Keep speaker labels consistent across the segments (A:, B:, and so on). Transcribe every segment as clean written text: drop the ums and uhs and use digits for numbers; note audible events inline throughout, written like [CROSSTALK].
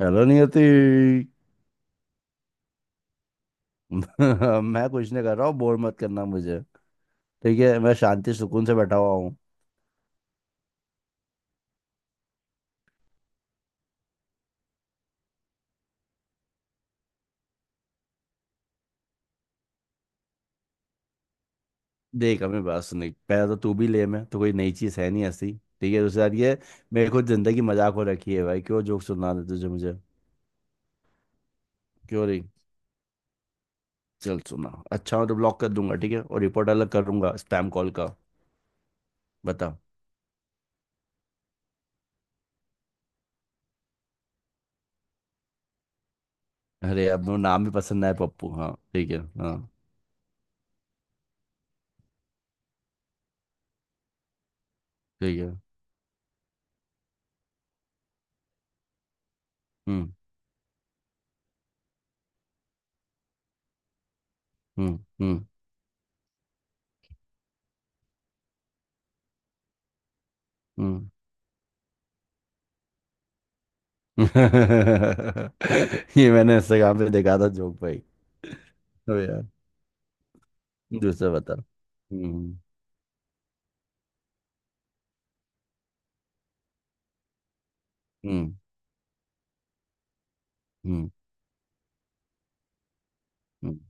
A: Hello नियति। [LAUGHS] मैं कुछ नहीं कर रहा हूँ, बोर मत करना मुझे। ठीक है, मैं शांति सुकून से बैठा हुआ हूँ। देख हमें बात सुनी, पहला तो तू भी लेम है, तो कोई नई चीज़ है नहीं ऐसी। ठीक है, दूसरी बात ये, मेरे को जिंदगी मजाक हो रखी है भाई, क्यों जोक सुना दे तुझे मुझे। क्यों रही। चल सुना, अच्छा हो तो ब्लॉक कर दूंगा ठीक है, और रिपोर्ट अलग कर दूंगा स्पैम कॉल का। बता। अरे अब वो नाम भी पसंद आया पप्पू, हाँ ठीक है, हाँ ठीक है। हम्म। हम्म। हम्म। हम्म। [LAUGHS] ये मैंने इंस्टाग्राम पे देखा था जोक भाई। तो यार, दूसरा बता। हम्म। हम्म। हम्म। हम्म।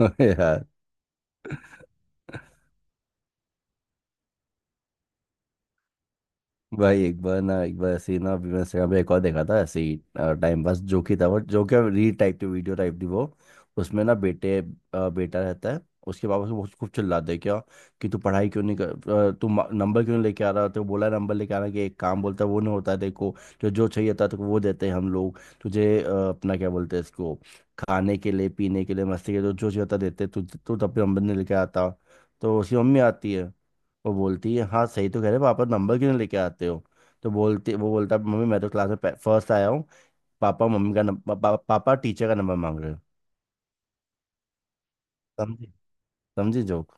A: [LAUGHS] अबे यार। भाई एक बार ना, एक बार ऐसे ही ना, अभी मैं इंस्टाग्राम पे एक और देखा था ऐसे ही। टाइम पास जोक ही था वो, जो क्या रील टाइप की वीडियो टाइप थी वो। उसमें ना बेटे, बेटा रहता है। उसके पापा उसको बहुत खूब चिल्लाते हैं क्या, कि तू पढ़ाई क्यों नहीं कर, नंबर क्यों नहीं लेके आ रहा। तो बोला नंबर लेके आना कि एक काम बोलता है वो नहीं होता है देखो। जो जो चाहिए था तो वो देते हैं हम लोग तुझे, अपना क्या बोलते हैं इसको, खाने के लिए, पीने के लिए, मस्ती के लिए जो जो चाहिए होता देते, तू तू तब भी नंबर नहीं लेके आता। तो उसकी मम्मी आती है, वो बोलती है हाँ सही तो कह रहे हो, पापा नंबर क्यों नहीं लेके आते हो। तो बोलती वो बोलता है मम्मी मैं तो क्लास में फर्स्ट आया हूँ। पापा टीचर का नंबर मांग रहे हो। समझी? समझी जोक?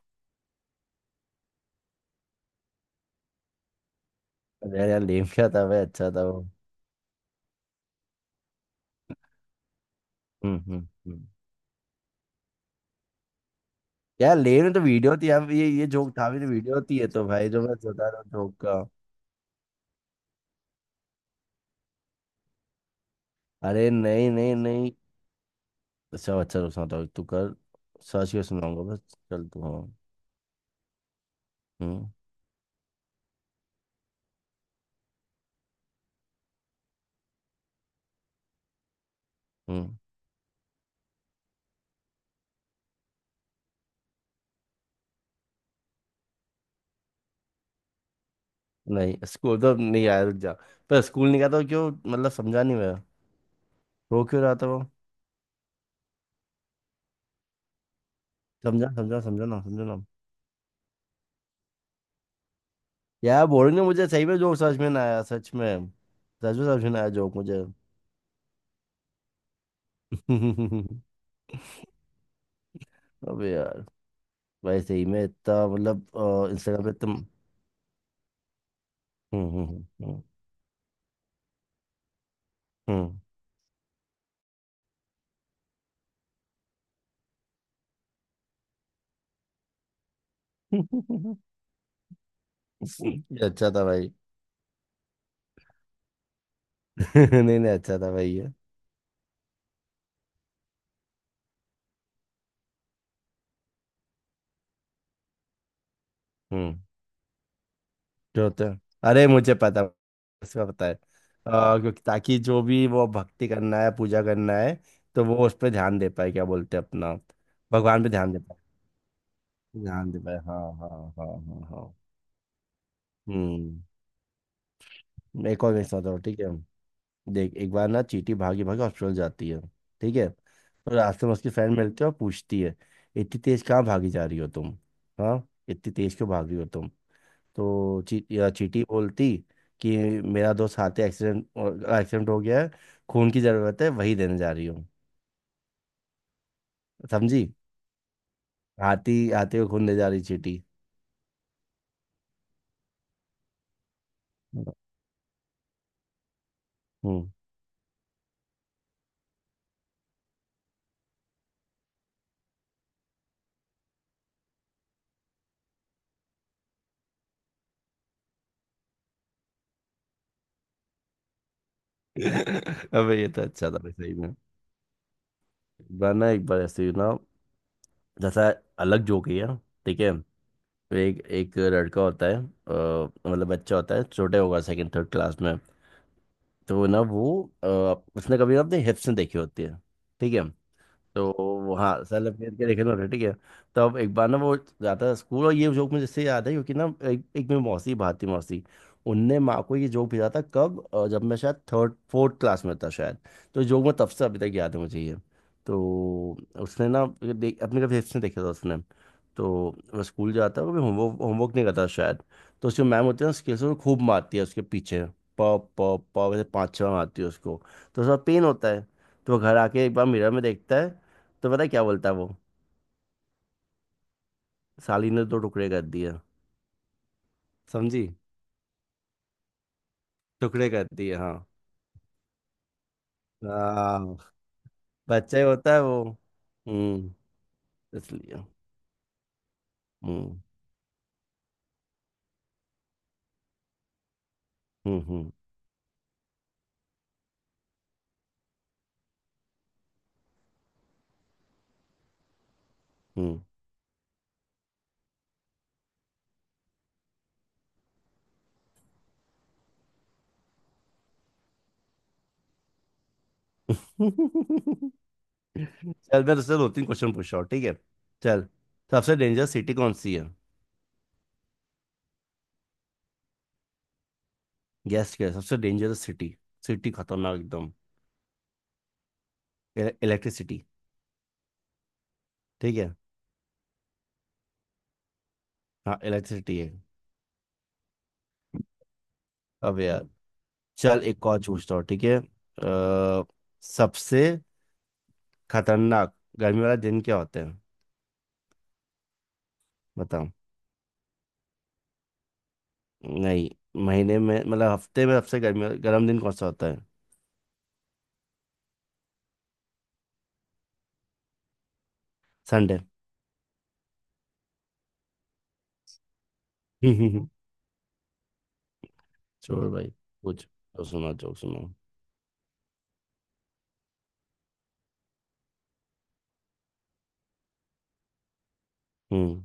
A: अरे यार लेम क्या था भाई, अच्छा था वो। हम्म। हम्म। हम्म। यार लेम तो वीडियो थी यार, ये जोक था भी, तो वीडियो होती है तो भाई जो मैं बता रहा हूँ जोक का। अरे नहीं नहीं नहीं, अच्छा अच्छा रुक, सुनाता हूँ तू कर। सर्च के सुनाऊंगा बस। चल तू, हाँ। हम्म। हम्म। नहीं स्कूल तो नहीं आया, रुक जा। पर स्कूल नहीं गया तो क्यों, मतलब समझा नहीं मैं। रो क्यों रहा था वो? समझा समझा समझा ना, समझा ना? यार बोलेंगे मुझे, सही में जोक समझ में ना आया सच में। सच में समझ में ना आया जोक मुझे। [LAUGHS] अबे यार, भाई सही में इतना मतलब। इंस्टाग्राम पे तुम। हम्म। हम्म। हम्म। हम्म। हम्म। [LAUGHS] ये अच्छा था भाई। [LAUGHS] नहीं नहीं, अच्छा था भाई ये। हम्म। जो होता है, अरे मुझे पता। इसका पता है, क्योंकि ताकि जो भी वो भक्ति करना है, पूजा करना है, तो वो उस पर ध्यान दे पाए, क्या बोलते हैं अपना, भगवान पे ध्यान दे। ध्यान दे भाई, हाँ हाँ। हाँ हाँ हाँ। हम्म। एक और मेरे साथ और, ठीक है। देख, एक बार ना चींटी भागी भागी हॉस्पिटल जाती है ठीक है, तो रास्ते में उसकी फ्रेंड मिलती है और पूछती है इतनी तेज कहाँ भागी जा रही हो तुम, हाँ, इतनी तेज क्यों भाग रही हो तुम। तो ची, या चींटी बोलती कि मेरा दोस्त हाथी एक्सीडेंट एक्सीडेंट हो गया है, खून की जरूरत है, वही देने जा रही हूँ। समझी? हाथी, हाथी को खून दे जा रही चींटी। हम्म। [LAUGHS] अबे ये तो अच्छा था भाई, सही में। बार ना एक बार ऐसे ही ना, जैसा अलग जोक ही है, ठीक है। तो एक एक लड़का होता है, मतलब बच्चा होता है छोटे, होगा सेकंड थर्ड क्लास में। तो ना वो, अ, उसने कभी ना अपने हिप्स नहीं देखी होती है, ठीक है। तो वो हाँ सेल्फ केयर के लिखे हुए, ठीक है। तो अब एक बार ना वो जाता है स्कूल, और ये जोक मुझे इससे याद है क्योंकि ना एक मेरी मौसी भाती मौसी, उनने माँ को ये जोक भेजा था कब, जब मैं शायद थर्ड फोर्थ क्लास में था शायद। तो जोक मैं तब से अभी तक याद है मुझे ये। तो उसने ना ये देख अपने कभी देखा था उसने। तो वो स्कूल जाता है, वो होमवर्क होमवर्क नहीं करता शायद। तो उसकी मैम होती है ना, स्केल से वो खूब मारती है उसके पीछे। प प प वैसे पाँच छः मारती है उसको, तो उसका पेन होता है। तो वो घर आके एक बार मिरर में देखता है। तो पता है क्या बोलता है वो? साली ने तो टुकड़े कर दिए। समझी? टुकड़े कर दिए, हाँ। हाँ बच्चा ही होता है वो। हम्म। इसलिए। हम्म। हम्म। हम्म। हम्म। [LAUGHS] चल, मैं तुझसे दो तीन क्वेश्चन पूछ रहा हूँ ठीक है, चल। सबसे डेंजरस सिटी कौन सी है? गेस कर, सबसे डेंजरस सिटी, सिटी खतरनाक एकदम। इलेक्ट्रिसिटी, ठीक है। हाँ, इलेक्ट्रिसिटी है। अब यार, चल एक और पूछता हूँ ठीक है। सबसे खतरनाक गर्मी वाला दिन क्या होता है, बताओ। नहीं, महीने में, मतलब हफ्ते में, सबसे गर्म दिन कौन सा होता है? संडे। [LAUGHS] छोड़ भाई, कुछ तो सुना जोक, सुनो। हम्म।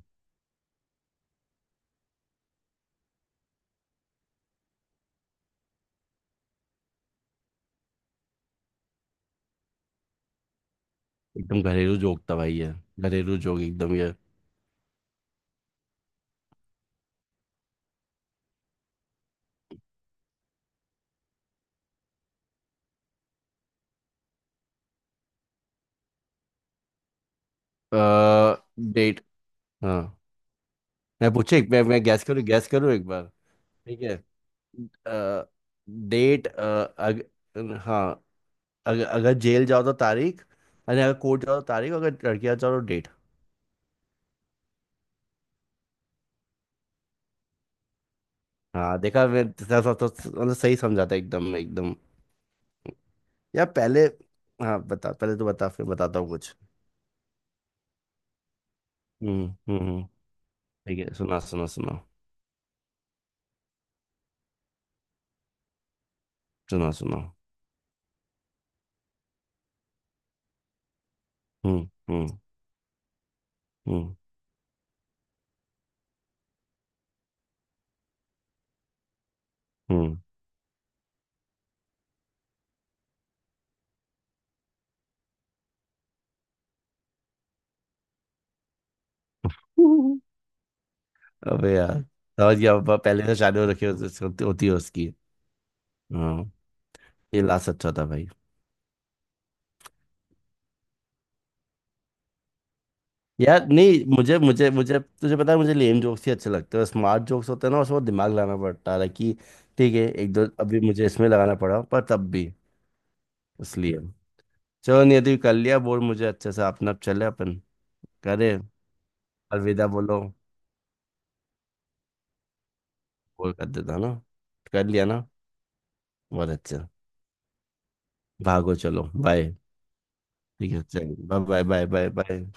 A: एकदम घरेलू जोक था भाई ये, घरेलू जोक एकदम ये। डेट। हाँ। मैं पूछे एक, मैं गैस करूँ एक बार, ठीक है। आ, डेट, हाँ, अगर जेल जाओ तो तारीख। अरे अगर कोर्ट जाओ तो तारीख, अगर लड़कियां जाओ तो डेट। हाँ देखा, तो मतलब सही समझा था एकदम एकदम। यार पहले, हाँ बता पहले, तो बता फिर बताता हूँ कुछ। हम्म। हम्म। हम्म। ठीक है, सुना सुना सुना, सुना सुना। हम्म। हम्म। हम्म। हम्म। अबे यार। समझ गया, अब पहले से शादी हो रखी होती होती- होती है उसकी, हाँ। ये लास्ट अच्छा था भाई। यार नहीं, मुझे मुझे मुझे तुझे पता है, मुझे लेम जोक्स ही अच्छे लगते हैं। स्मार्ट जोक्स होते हैं ना, उसमें दिमाग लाना पड़ता है like कि। ठीक है, एक दो अभी मुझे इसमें लगाना पड़ा पर तब भी, इसलिए। चलो नियति, कर लिया बोल मुझे अच्छे से अपना, अब चले अपन। करे अलविदा बोलो। बोल कर देता ना, कर लिया ना। बहुत अच्छा, भागो चलो बाय। ठीक है, चलिए, bye bye, bye bye bye.